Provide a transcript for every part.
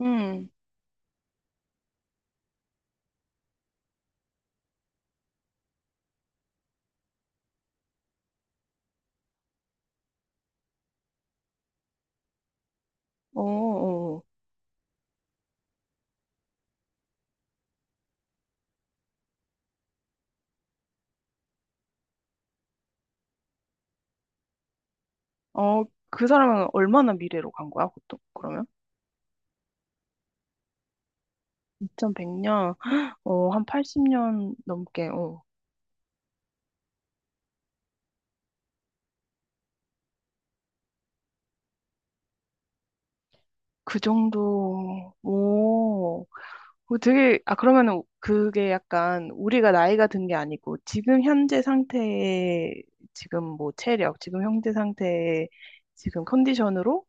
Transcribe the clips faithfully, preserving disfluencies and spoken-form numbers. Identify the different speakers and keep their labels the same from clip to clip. Speaker 1: 음, 어, 어, 어, 그 사람은 얼마나 미래로 간 거야, 보통? 그러면? 이천백 년, 어, 한 팔십 년 넘게. 어, 그 정도. 오, 그 되게, 아, 그러면은 그게 약간 우리가 나이가 든 게 아니고, 지금 현재 상태의, 지금 뭐 체력, 지금 현재 상태의 지금 컨디션으로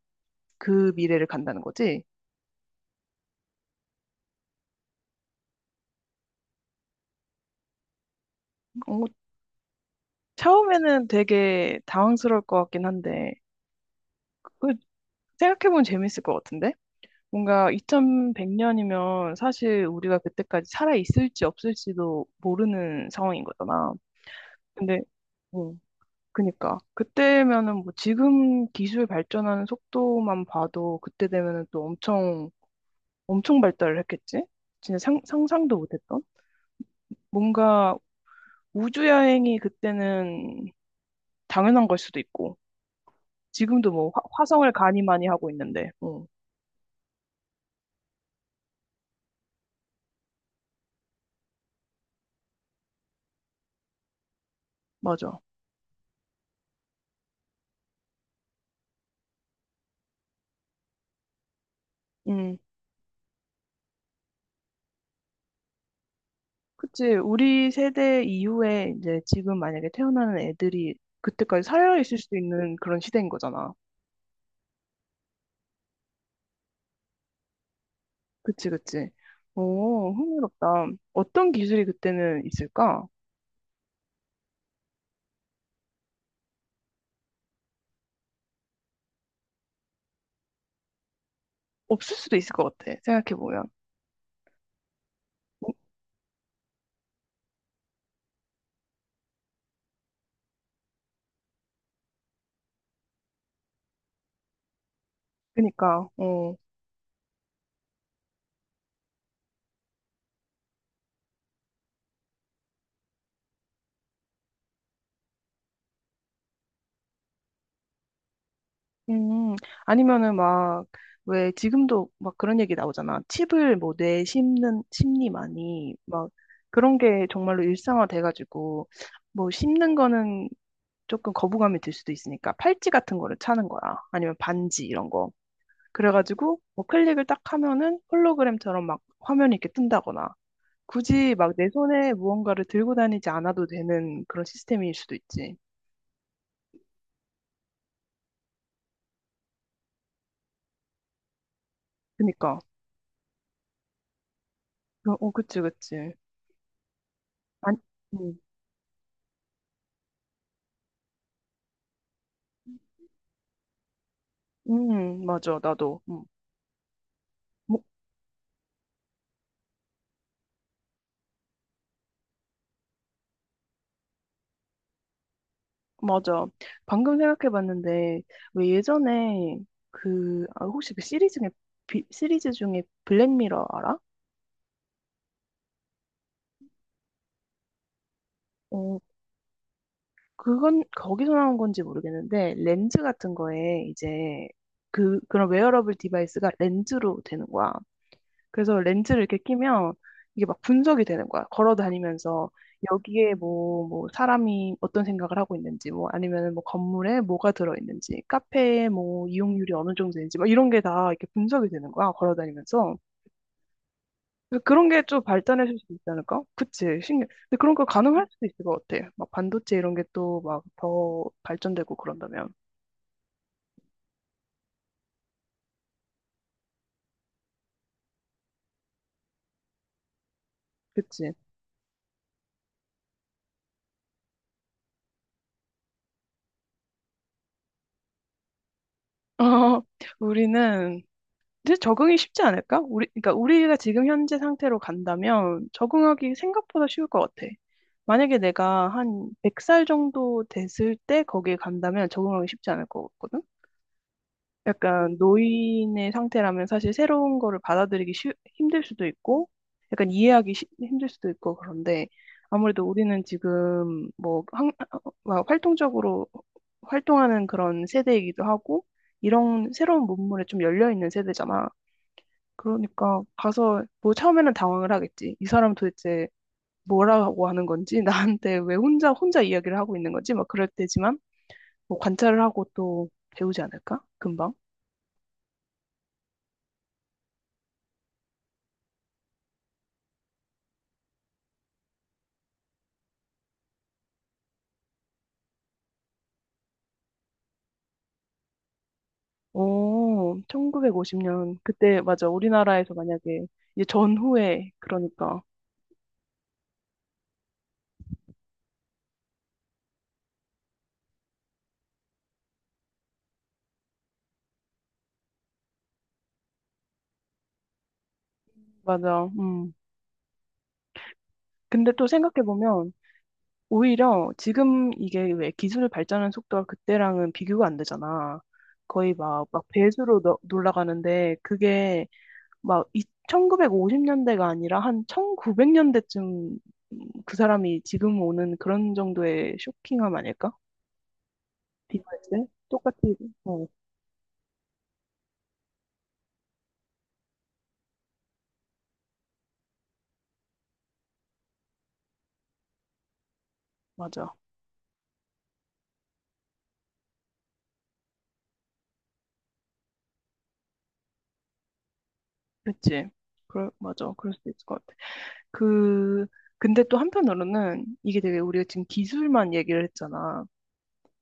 Speaker 1: 그 미래를 간다는 거지? 어, 처음에는 되게 당황스러울 것 같긴 한데, 그 생각해보면 재밌을 것 같은데? 뭔가 이천백 년이면 사실 우리가 그때까지 살아 있을지 없을지도 모르는 상황인 거잖아. 근데 어, 그니까 그때면은 뭐 지금 기술 발전하는 속도만 봐도 그때 되면은 또 엄청 엄청 발달을 했겠지? 진짜 상, 상상도 못했던? 뭔가 우주 여행이 그때는 당연한 걸 수도 있고 지금도 뭐 화, 화성을 가니 많이 하고 있는데. 어, 맞아. 그치. 우리 세대 이후에 이제 지금 만약에 태어나는 애들이 그때까지 살아있을 수 있는 그런 시대인 거잖아. 그치, 그치. 오, 흥미롭다. 어떤 기술이 그때는 있을까? 없을 수도 있을 것 같아. 생각해보면. 그니까, 어, 음, 아니면은 막, 왜 지금도 막 그런 얘기 나오잖아. 칩을 뭐 뇌에 심는, 심리만이, 막, 그런 게 정말로 일상화 돼가지고, 뭐 심는 거는 조금 거부감이 들 수도 있으니까 팔찌 같은 거를 차는 거야. 아니면 반지 이런 거. 그래가지고 뭐 클릭을 딱 하면은 홀로그램처럼 막 화면이 이렇게 뜬다거나 굳이 막 내 손에 무언가를 들고 다니지 않아도 되는 그런 시스템일 수도 있지. 그니까. 어, 어, 그치, 그치. 안, 음, 음, 맞아, 나도. 음, 뭐, 맞아. 방금 생각해봤는데 왜 예전에 그, 아, 혹시 그 시리즈 중에, 비- 시리즈 중에 블랙미러 알아? 어, 그건 거기서 나온 건지 모르겠는데 렌즈 같은 거에 이제 그 그런 웨어러블 디바이스가 렌즈로 되는 거야. 그래서 렌즈를 이렇게 끼면 이게 막 분석이 되는 거야. 걸어 다니면서 여기에 뭐 뭐 사람이 어떤 생각을 하고 있는지 뭐 아니면 뭐 건물에 뭐가 들어 있는지 카페에 뭐 이용률이 어느 정도인지 막 이런 게 다 이렇게 분석이 되는 거야. 걸어 다니면서. 그래서 그런 게 좀 발전했을 수도 있지 않을까? 그치, 신기해. 근데 그런 거 가능할 수도 있을 것 같아. 막 반도체 이런 게 또 막 더 발전되고 그런다면. 그치. 어, 우리는 이제 적응이 쉽지 않을까? 우리, 그러니까 우리가 지금 현재 상태로 간다면 적응하기 생각보다 쉬울 것 같아. 만약에 내가 한 백 살 정도 됐을 때 거기에 간다면 적응하기 쉽지 않을 것 같거든? 약간 노인의 상태라면 사실 새로운 거를 받아들이기 쉬, 힘들 수도 있고, 약간 이해하기 쉬- 힘들 수도 있고, 그런데 아무래도 우리는 지금 뭐, 항, 막 활동적으로 활동하는 그런 세대이기도 하고, 이런 새로운 문물에 좀 열려있는 세대잖아. 그러니까 가서 뭐 처음에는 당황을 하겠지. 이 사람 도대체 뭐라고 하는 건지, 나한테 왜 혼자, 혼자 이야기를 하고 있는 건지, 막 그럴 때지만, 뭐 관찰을 하고 또 배우지 않을까? 금방. 오, 천구백오십 년. 그때, 맞아. 우리나라에서 만약에, 이제 전후에, 그러니까. 맞아. 음. 근데 또 생각해보면, 오히려 지금 이게 왜 기술 발전하는 속도가 그때랑은 비교가 안 되잖아. 거의 막, 막 배수로 너- 놀라가는데, 그게 막 이, 천구백오십 년대가 아니라 한 천구백 년대쯤 그 사람이 지금 오는 그런 정도의 쇼킹함 아닐까? 비교이을 때? 똑같이, 어, 맞아. 그치. 그럴, 맞아. 그럴 수도 있을 것 같아. 그, 근데 또 한편으로는 이게 되게 우리가 지금 기술만 얘기를 했잖아.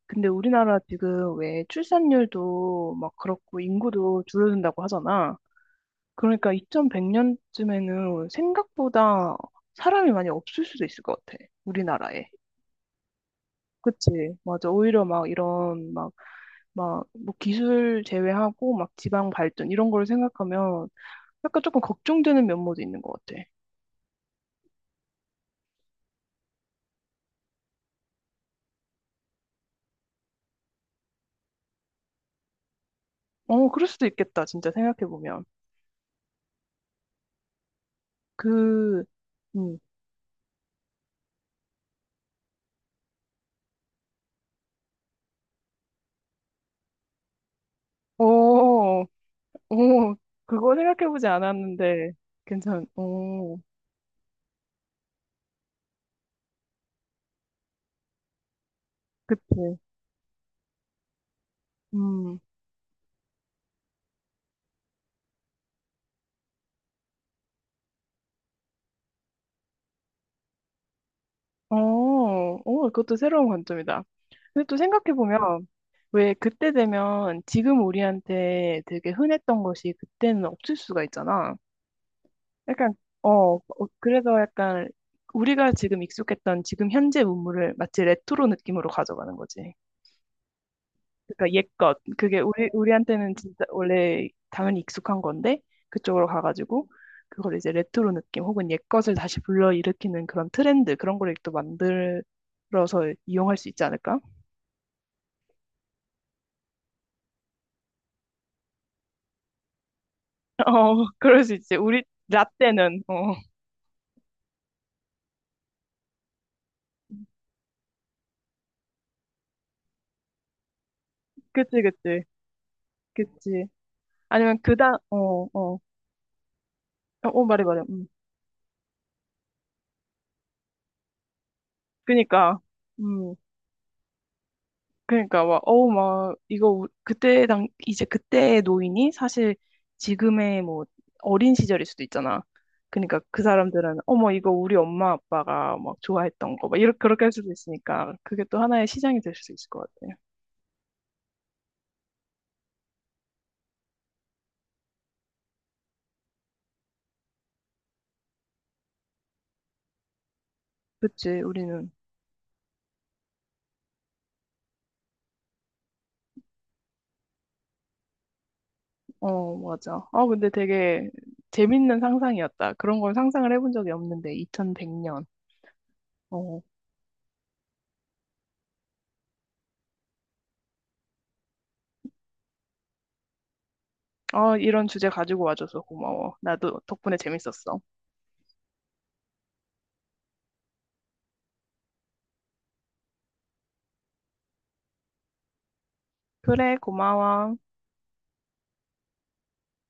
Speaker 1: 근데 우리나라 지금 왜 출산율도 막 그렇고 인구도 줄어든다고 하잖아. 그러니까 이천백 년쯤에는 생각보다 사람이 많이 없을 수도 있을 것 같아. 우리나라에. 그치. 맞아. 오히려 막 이런 막, 막, 뭐 기술 제외하고 막 지방 발전 이런 거를 생각하면 약간 조금 걱정되는 면모도 있는 것 같아. 어, 그럴 수도 있겠다, 진짜 생각해보면. 그, 음, 오, 오, 그거 생각해보지 않았는데, 괜찮, 오, 그치. 음, 어, 오, 그것도 새로운 관점이다. 근데 또 생각해보면, 왜 그때 되면 지금 우리한테 되게 흔했던 것이 그때는 없을 수가 있잖아. 약간, 어, 어, 그래서 약간, 우리가 지금 익숙했던 지금 현재 문물을 마치 레트로 느낌으로 가져가는 거지. 그러니까 옛것 그게 우리 우리한테는 진짜 원래 당연히 익숙한 건데 그쪽으로 가가지고 그걸 이제 레트로 느낌 혹은 옛것을 다시 불러일으키는 그런 트렌드 그런 거를 또 만들어서 이용할 수 있지 않을까? 어, 그럴 수 있지. 우리 라떼는 어, 그치 그치 그치. 아니면 그다 어, 어, 어 말해 말해. 음. 그니까 음. 그러니까 막 어우 막 이거 우- 그때 당 이제 그때의 노인이 사실 지금의 뭐 어린 시절일 수도 있잖아. 그러니까 그 사람들은 어머 이거 우리 엄마 아빠가 막 좋아했던 거 막 이렇게 그렇게 할 수도 있으니까 그게 또 하나의 시장이 될 수도 있을 것 같아. 그치 우리는 어 맞아. 아 근데 되게 재밌는 상상이었다. 그런 걸 상상을 해본 적이 없는데 이천백 년. 어. 아 이런 주제 가지고 와줘서 고마워. 나도 덕분에 재밌었어. 그래 고마워.